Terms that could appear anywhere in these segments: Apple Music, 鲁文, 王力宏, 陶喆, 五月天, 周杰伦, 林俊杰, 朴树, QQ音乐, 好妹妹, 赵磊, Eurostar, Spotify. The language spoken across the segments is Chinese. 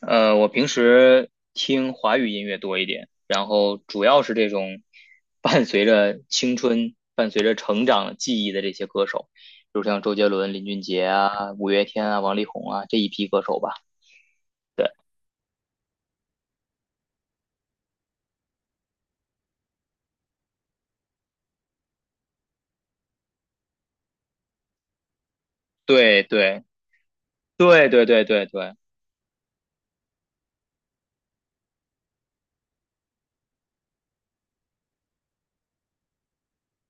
我平时听华语音乐多一点，然后主要是这种 伴随着青春、伴随着成长记忆的这些歌手，比如像周杰伦、林俊杰啊、五月天啊、王力宏啊这一批歌手吧。对对对对对对对，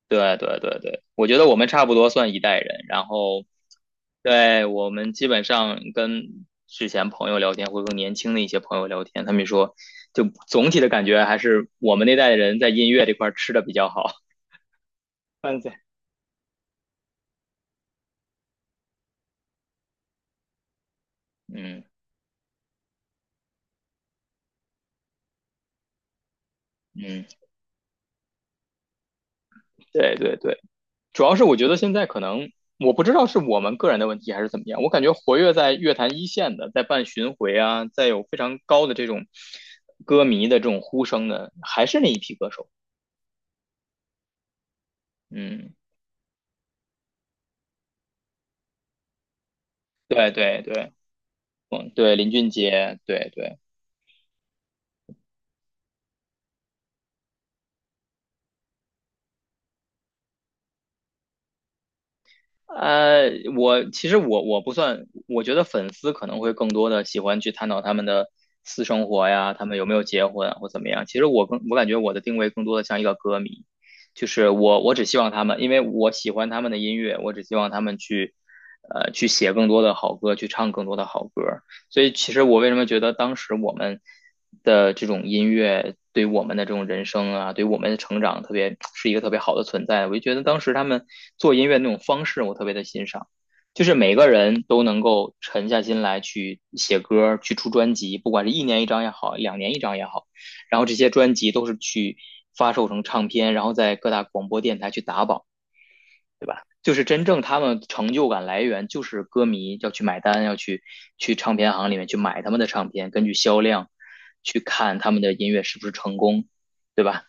对对对对，我觉得我们差不多算一代人，然后，对，我们基本上跟之前朋友聊天，或者说年轻的一些朋友聊天，他们说，就总体的感觉还是我们那代人在音乐这块儿吃的比较好。嗯，对，嗯嗯，对对对，主要是我觉得现在可能我不知道是我们个人的问题还是怎么样，我感觉活跃在乐坛一线的，在办巡回啊，在有非常高的这种歌迷的这种呼声的，还是那一批歌手。嗯。对对对，嗯，对，林俊杰，对对，呃，我其实不算，我觉得粉丝可能会更多的喜欢去探讨他们的私生活呀，他们有没有结婚啊或怎么样。其实我感觉我的定位更多的像一个歌迷，就是我只希望他们，因为我喜欢他们的音乐，我只希望他们去写更多的好歌，去唱更多的好歌。所以其实我为什么觉得当时我们的这种音乐对我们的这种人生啊，对我们的成长特别是一个特别好的存在，我就觉得当时他们做音乐那种方式我特别的欣赏，就是每个人都能够沉下心来去写歌，去出专辑，不管是1年1张也好，2年1张也好，然后这些专辑都是去发售成唱片，然后在各大广播电台去打榜。对吧？就是真正他们成就感来源，就是歌迷要去买单，要去唱片行里面去买他们的唱片，根据销量去看他们的音乐是不是成功。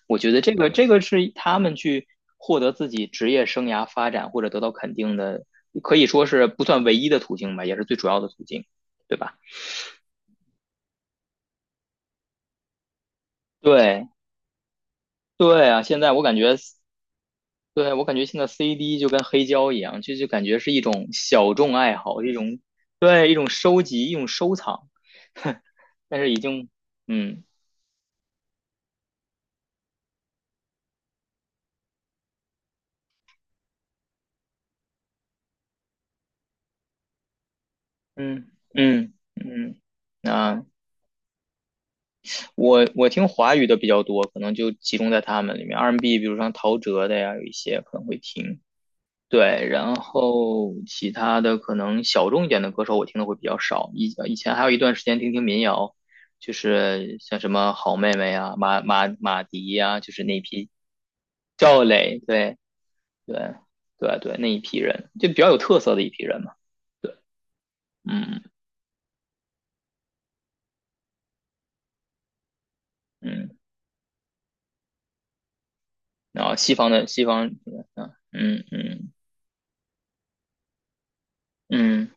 我觉得这个是他们去获得自己职业生涯发展或者得到肯定的，可以说是不算唯一的途径吧，也是最主要的途径，对吧？对对啊，现在我感觉对，我感觉现在 CD 就跟黑胶一样，就感觉是一种小众爱好，一种对一种收集，一种收藏。但是已经，嗯嗯嗯嗯，啊，我听华语的比较多，可能就集中在他们里面，R&B，n 比如像陶喆的呀，有一些可能会听，对，然后其他的可能小众一点的歌手我听的会比较少。以前还有一段时间听听民谣，就是像什么好妹妹啊、马迪呀、就是那一批赵磊，对对对啊对，那一批人就比较有特色的一批人嘛。嗯嗯，然后西方，嗯嗯嗯嗯，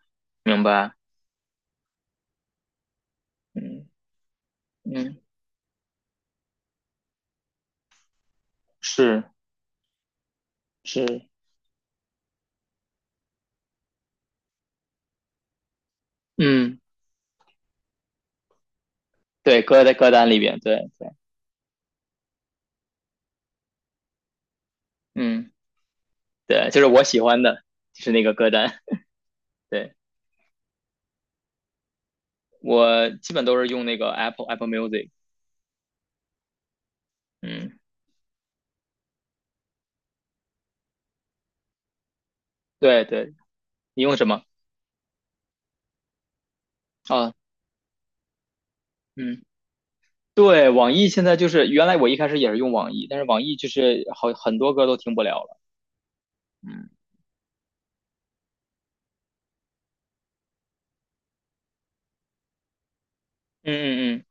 明白，嗯嗯，是是，嗯，对，歌在歌单里边，对对，嗯。对，就是我喜欢的，就是那个歌单。对，我基本都是用那个 Apple Music。嗯，对对，你用什么？啊，嗯，对，网易现在就是原来我一开始也是用网易，但是网易就是好很多歌都听不了了。嗯嗯嗯嗯，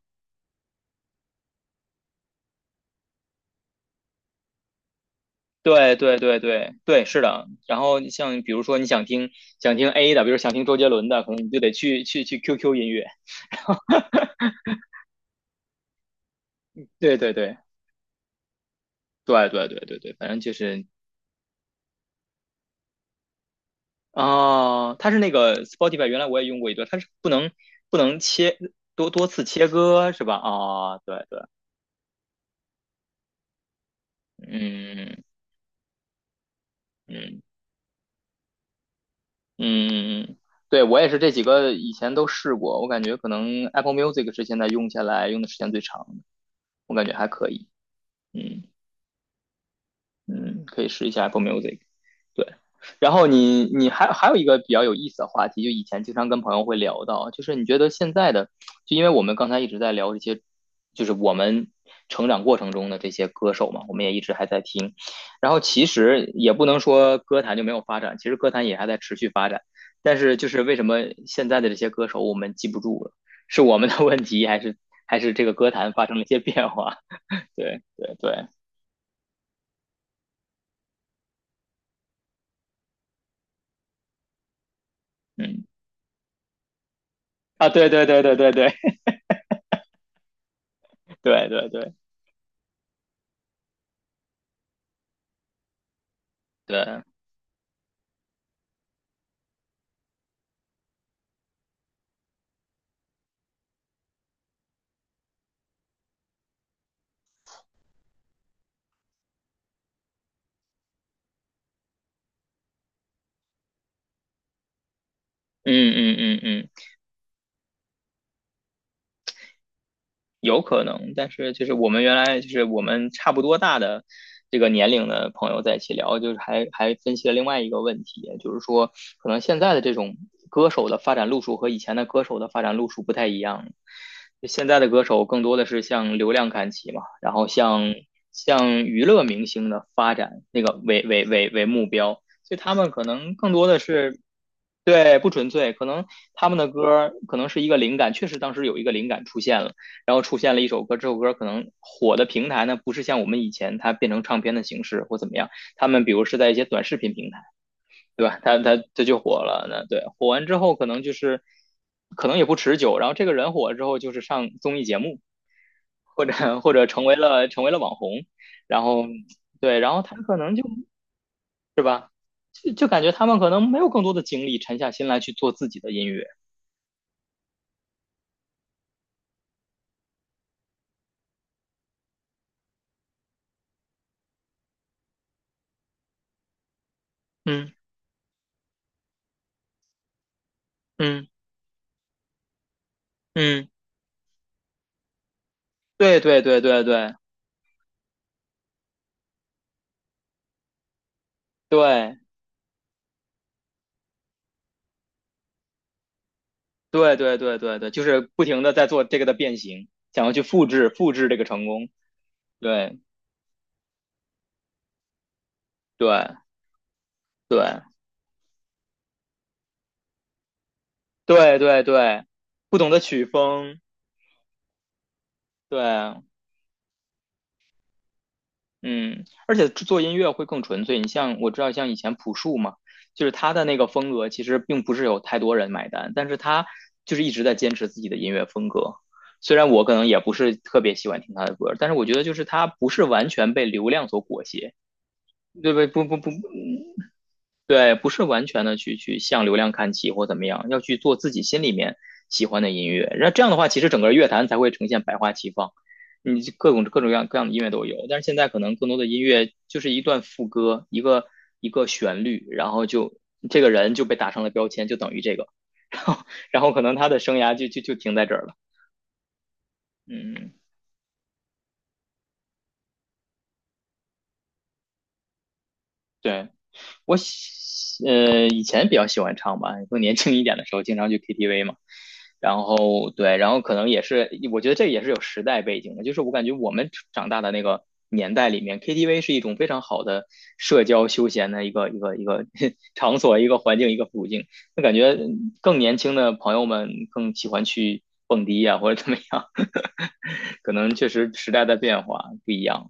对对对对对，是的。然后你像比如说你想听A 的，比如想听周杰伦的，可能你就得去 QQ 音乐。对对对对对对对对，反正就是哦，它是那个 Spotify，原来我也用过一段，它是不能切多次切割是吧？哦，对对，嗯嗯嗯嗯，对我也是这几个以前都试过，我感觉可能 Apple Music 是现在用下来用的时间最长的，我感觉还可以，嗯。嗯，可以试一下 Apple Music。对，然后你还有一个比较有意思的话题，就以前经常跟朋友会聊到，就是你觉得现在的，就因为我们刚才一直在聊这些，就是我们成长过程中的这些歌手嘛，我们也一直还在听，然后其实也不能说歌坛就没有发展，其实歌坛也还在持续发展，但是就是为什么现在的这些歌手我们记不住了，是我们的问题，还是这个歌坛发生了一些变化？对对对，嗯。啊，对对对对对对，对对对对，嗯嗯嗯嗯，有可能，但是就是我们原来就是我们差不多大的这个年龄的朋友在一起聊，就是还分析了另外一个问题，就是说可能现在的这种歌手的发展路数和以前的歌手的发展路数不太一样。现在的歌手更多的是向流量看齐嘛，然后向娱乐明星的发展那个为目标，所以他们可能更多的是。对，不纯粹，可能他们的歌可能是一个灵感，确实当时有一个灵感出现了。然后出现了一首歌，这首歌可能火的平台呢，不是像我们以前它变成唱片的形式或怎么样，他们比如是在一些短视频平台，对吧？它就火了，那对火完之后，可能就是可能也不持久，然后这个人火了之后，就是上综艺节目，或者成为了网红，然后对，然后他可能就感觉他们可能没有更多的精力沉下心来去做自己的音乐，嗯嗯嗯，对对对对对对。对对对对对，就是不停的在做这个的变形，想要去复制这个成功。对对对对对对，不懂得曲风，对，嗯，而且做音乐会更纯粹。你像我知道，像以前朴树嘛，就是他的那个风格，其实并不是有太多人买单，但是他就是一直在坚持自己的音乐风格。虽然我可能也不是特别喜欢听他的歌，但是我觉得就是他不是完全被流量所裹挟，对不对？不不不，嗯对，不是完全的去向流量看齐或怎么样，要去做自己心里面喜欢的音乐。那这样的话，其实整个乐坛才会呈现百花齐放，你各种各样的音乐都有。但是现在可能更多的音乐就是一段副歌，一个旋律，然后就这个人就被打上了标签，就等于这个，然后然后可能他的生涯就停在这儿了。嗯，对。以前比较喜欢唱吧，更年轻一点的时候经常去 KTV 嘛。然后对，然后可能也是，我觉得这也是有时代背景的，就是我感觉我们长大的那个年代里面，KTV 是一种非常好的社交休闲的一个 场所、一个环境、一个途径。那感觉更年轻的朋友们更喜欢去蹦迪呀、或者怎么样，可能确实时代的变化不一样。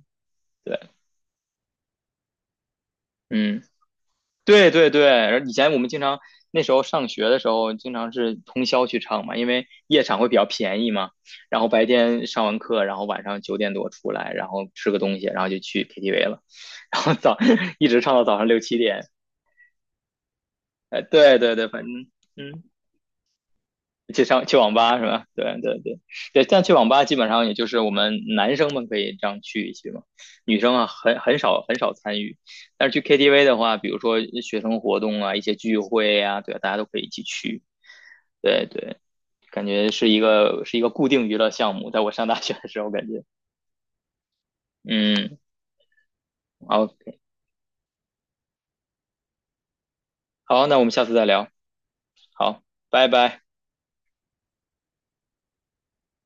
对，嗯。对对对，然后以前我们经常那时候上学的时候，经常是通宵去唱嘛，因为夜场会比较便宜嘛。然后白天上完课，然后晚上9点多出来，然后吃个东西，然后就去 KTV 了，然后早 一直唱到早上6、7点。哎，对对对，反正嗯。去上去网吧是吧？对对对对，但去网吧基本上也就是我们男生们可以这样去一去嘛，女生啊很少很少参与。但是去 KTV 的话，比如说学生活动啊，一些聚会呀，对啊大家都可以一起去。对对，感觉是一个固定娱乐项目，在我上大学的时候感觉，嗯，好好，那我们下次再聊，好，拜拜。